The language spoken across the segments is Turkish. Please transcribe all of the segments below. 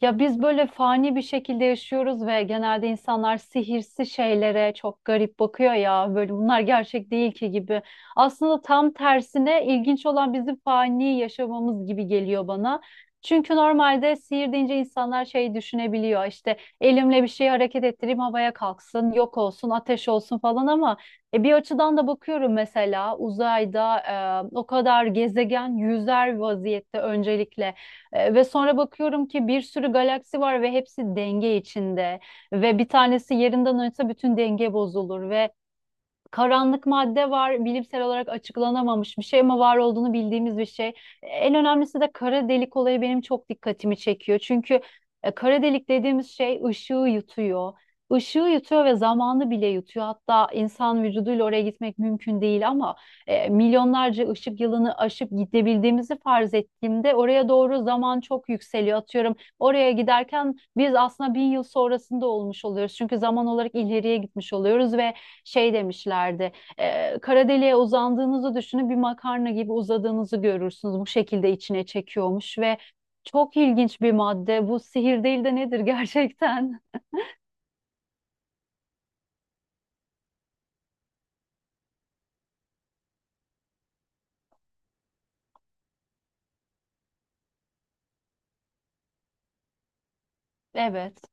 Ya biz böyle fani bir şekilde yaşıyoruz ve genelde insanlar sihirsi şeylere çok garip bakıyor ya böyle bunlar gerçek değil ki gibi. Aslında tam tersine ilginç olan bizim fani yaşamamız gibi geliyor bana. Çünkü normalde sihir deyince insanlar şey düşünebiliyor işte elimle bir şeyi hareket ettireyim havaya kalksın yok olsun ateş olsun falan ama bir açıdan da bakıyorum, mesela uzayda o kadar gezegen yüzer vaziyette öncelikle. Ve sonra bakıyorum ki bir sürü galaksi var ve hepsi denge içinde, ve bir tanesi yerinden oynasa bütün denge bozulur ve karanlık madde var, bilimsel olarak açıklanamamış bir şey ama var olduğunu bildiğimiz bir şey. En önemlisi de kara delik olayı benim çok dikkatimi çekiyor. Çünkü kara delik dediğimiz şey ışığı yutuyor. Işığı yutuyor ve zamanı bile yutuyor. Hatta insan vücuduyla oraya gitmek mümkün değil ama milyonlarca ışık yılını aşıp gidebildiğimizi farz ettiğimde oraya doğru zaman çok yükseliyor. Atıyorum, oraya giderken biz aslında bin yıl sonrasında olmuş oluyoruz. Çünkü zaman olarak ileriye gitmiş oluyoruz ve şey demişlerdi. Kara deliğe uzandığınızı düşünün, bir makarna gibi uzadığınızı görürsünüz. Bu şekilde içine çekiyormuş ve çok ilginç bir madde. Bu sihir değil de nedir gerçekten? Evet.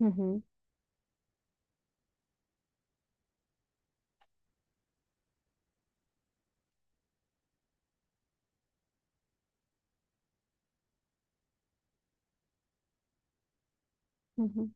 Hı hı. Hı hı.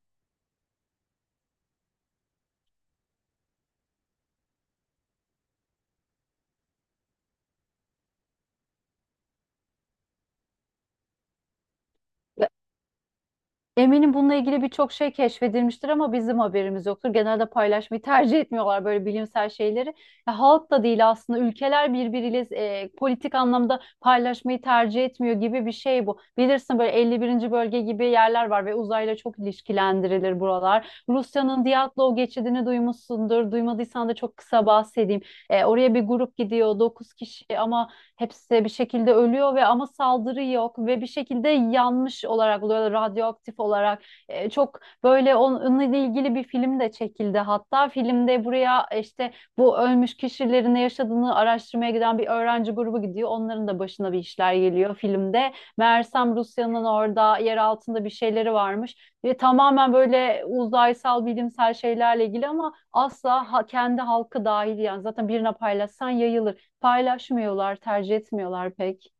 Eminim bununla ilgili birçok şey keşfedilmiştir ama bizim haberimiz yoktur. Genelde paylaşmayı tercih etmiyorlar böyle bilimsel şeyleri. Ya halk da değil aslında, ülkeler birbiriyle politik anlamda paylaşmayı tercih etmiyor gibi bir şey bu. Bilirsin, böyle 51. bölge gibi yerler var ve uzayla çok ilişkilendirilir buralar. Rusya'nın Diatlov geçidini duymuşsundur. Duymadıysan da çok kısa bahsedeyim. Oraya bir grup gidiyor, 9 kişi, ama hepsi bir şekilde ölüyor ve ama saldırı yok ve bir şekilde yanmış olarak oluyor, radyoaktif olarak. Çok böyle onunla ilgili bir film de çekildi. Hatta filmde buraya işte bu ölmüş kişilerin ne yaşadığını araştırmaya giden bir öğrenci grubu gidiyor. Onların da başına bir işler geliyor filmde. Meğersem Rusya'nın orada yer altında bir şeyleri varmış. Ve tamamen böyle uzaysal bilimsel şeylerle ilgili ama asla kendi halkı dahil, yani zaten birine paylaşsan yayılır, paylaşmıyorlar, tercih etmiyorlar pek.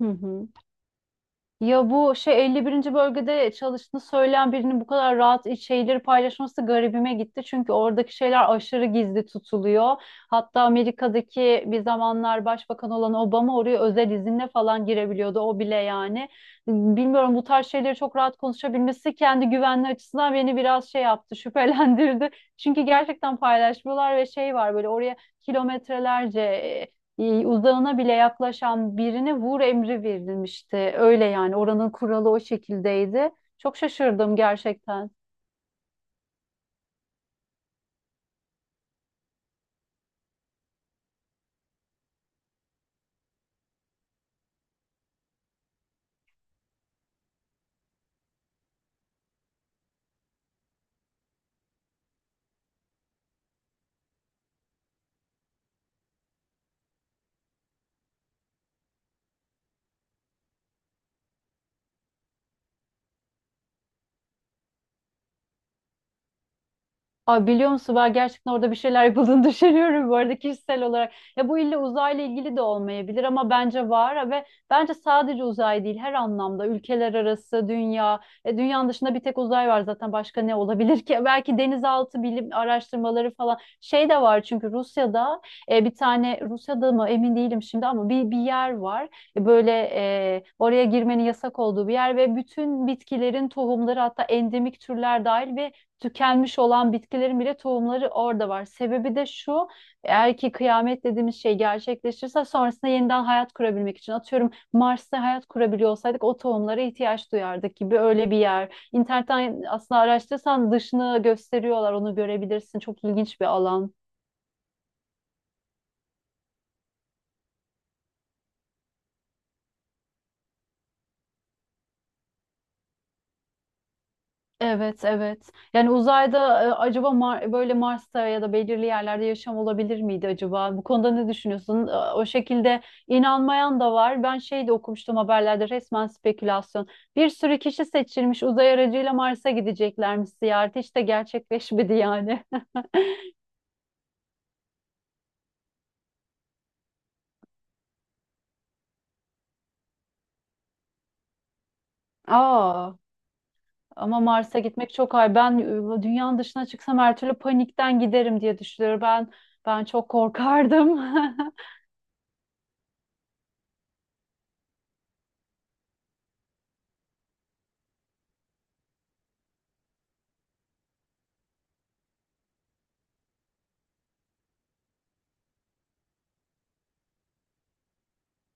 Hı hı. Ya bu şey, 51. bölgede çalıştığını söyleyen birinin bu kadar rahat şeyleri paylaşması garibime gitti. Çünkü oradaki şeyler aşırı gizli tutuluyor. Hatta Amerika'daki bir zamanlar başbakan olan Obama oraya özel izinle falan girebiliyordu. O bile yani. Bilmiyorum, bu tarz şeyleri çok rahat konuşabilmesi kendi güvenliği açısından beni biraz şey yaptı, şüphelendirdi. Çünkü gerçekten paylaşmıyorlar ve şey var böyle, oraya kilometrelerce uzağına bile yaklaşan birine vur emri verilmişti. Öyle yani, oranın kuralı o şekildeydi. Çok şaşırdım gerçekten. Ay, biliyor musun, ben gerçekten orada bir şeyler yapıldığını düşünüyorum, bu arada kişisel olarak. Ya bu illa uzayla ilgili de olmayabilir ama bence var ve bence sadece uzay değil, her anlamda ülkeler arası, dünya, dünyanın dışında bir tek uzay var zaten, başka ne olabilir ki? Belki denizaltı bilim araştırmaları falan şey de var, çünkü Rusya'da bir tane, Rusya'da mı emin değilim şimdi ama bir yer var. Böyle oraya girmenin yasak olduğu bir yer, ve bütün bitkilerin tohumları, hatta endemik türler dahil ve tükenmiş olan bitkilerin bile tohumları orada var. Sebebi de şu, eğer ki kıyamet dediğimiz şey gerçekleşirse sonrasında yeniden hayat kurabilmek için, atıyorum Mars'ta hayat kurabiliyor olsaydık o tohumlara ihtiyaç duyardık gibi, öyle bir yer. İnternetten aslında araştırırsan dışını gösteriyorlar, onu görebilirsin. Çok ilginç bir alan. Evet, evet. Yani uzayda acaba böyle Mars'ta ya da belirli yerlerde yaşam olabilir miydi acaba? Bu konuda ne düşünüyorsun? O şekilde inanmayan da var. Ben şey de okumuştum haberlerde, resmen spekülasyon. Bir sürü kişi seçilmiş uzay aracıyla Mars'a gideceklermiş, ziyareti. Hiç de gerçekleşmedi yani. Aa, ama Mars'a gitmek çok ay. Ben dünyanın dışına çıksam her türlü panikten giderim diye düşünüyorum. Ben çok korkardım.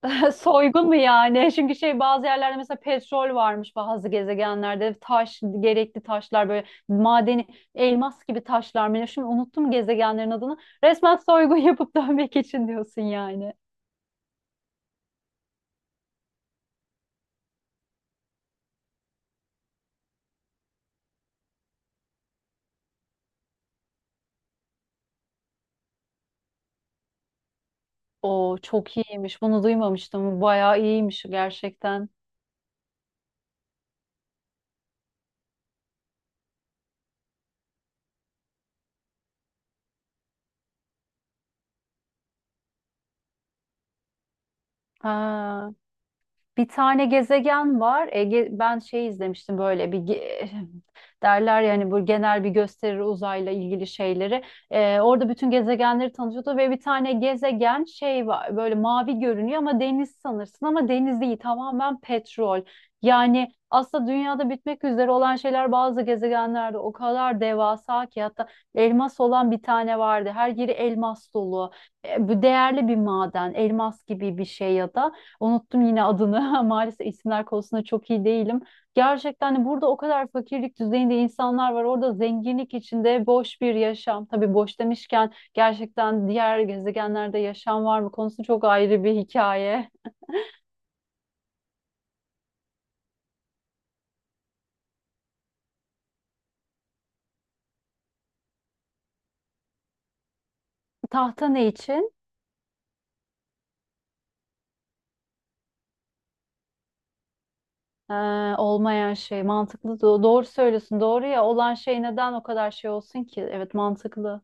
Soygun mu yani? Çünkü şey, bazı yerlerde mesela petrol varmış bazı gezegenlerde. Taş, gerekli taşlar böyle madeni, elmas gibi taşlar mı? Ne? Şimdi unuttum gezegenlerin adını. Resmen soygun yapıp dönmek için diyorsun yani. O çok iyiymiş. Bunu duymamıştım. Bayağı iyiymiş gerçekten. Ha. Bir tane gezegen var. Ege, ben şey izlemiştim, böyle derler yani, bu genel bir gösteri uzayla ilgili şeyleri. Orada bütün gezegenleri tanıtıyordu ve bir tane gezegen şey var, böyle mavi görünüyor, ama deniz sanırsın ama deniz değil, tamamen petrol. Yani aslında dünyada bitmek üzere olan şeyler bazı gezegenlerde o kadar devasa ki, hatta elmas olan bir tane vardı. Her yeri elmas dolu. Bu değerli bir maden, elmas gibi bir şey ya da. Unuttum yine adını. Maalesef isimler konusunda çok iyi değilim. Gerçekten de burada o kadar fakirlik düzeyinde insanlar var. Orada zenginlik içinde boş bir yaşam. Tabii boş demişken, gerçekten diğer gezegenlerde yaşam var mı konusu çok ayrı bir hikaye. Tahta ne için? Ee, Olmayan şey mantıklı. Doğru söylüyorsun. Doğru ya, olan şey neden o kadar şey olsun ki? Evet, mantıklı.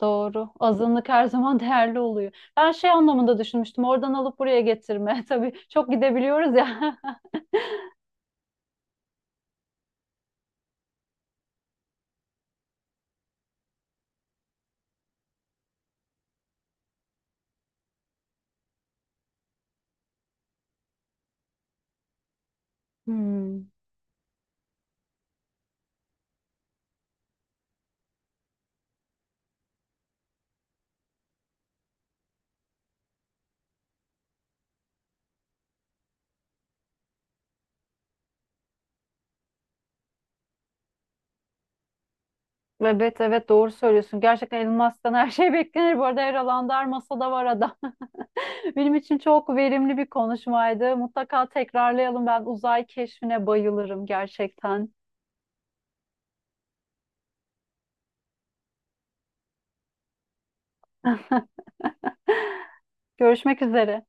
Doğru. Azınlık her zaman değerli oluyor. Ben şey anlamında düşünmüştüm. Oradan alıp buraya getirme. Tabii çok gidebiliyoruz ya. Hmm. Evet, evet, doğru söylüyorsun. Gerçekten Elon Musk'tan her şey beklenir. Bu arada her alanda, her masada var adam. Benim için çok verimli bir konuşmaydı. Mutlaka tekrarlayalım. Ben uzay keşfine bayılırım gerçekten. Görüşmek üzere.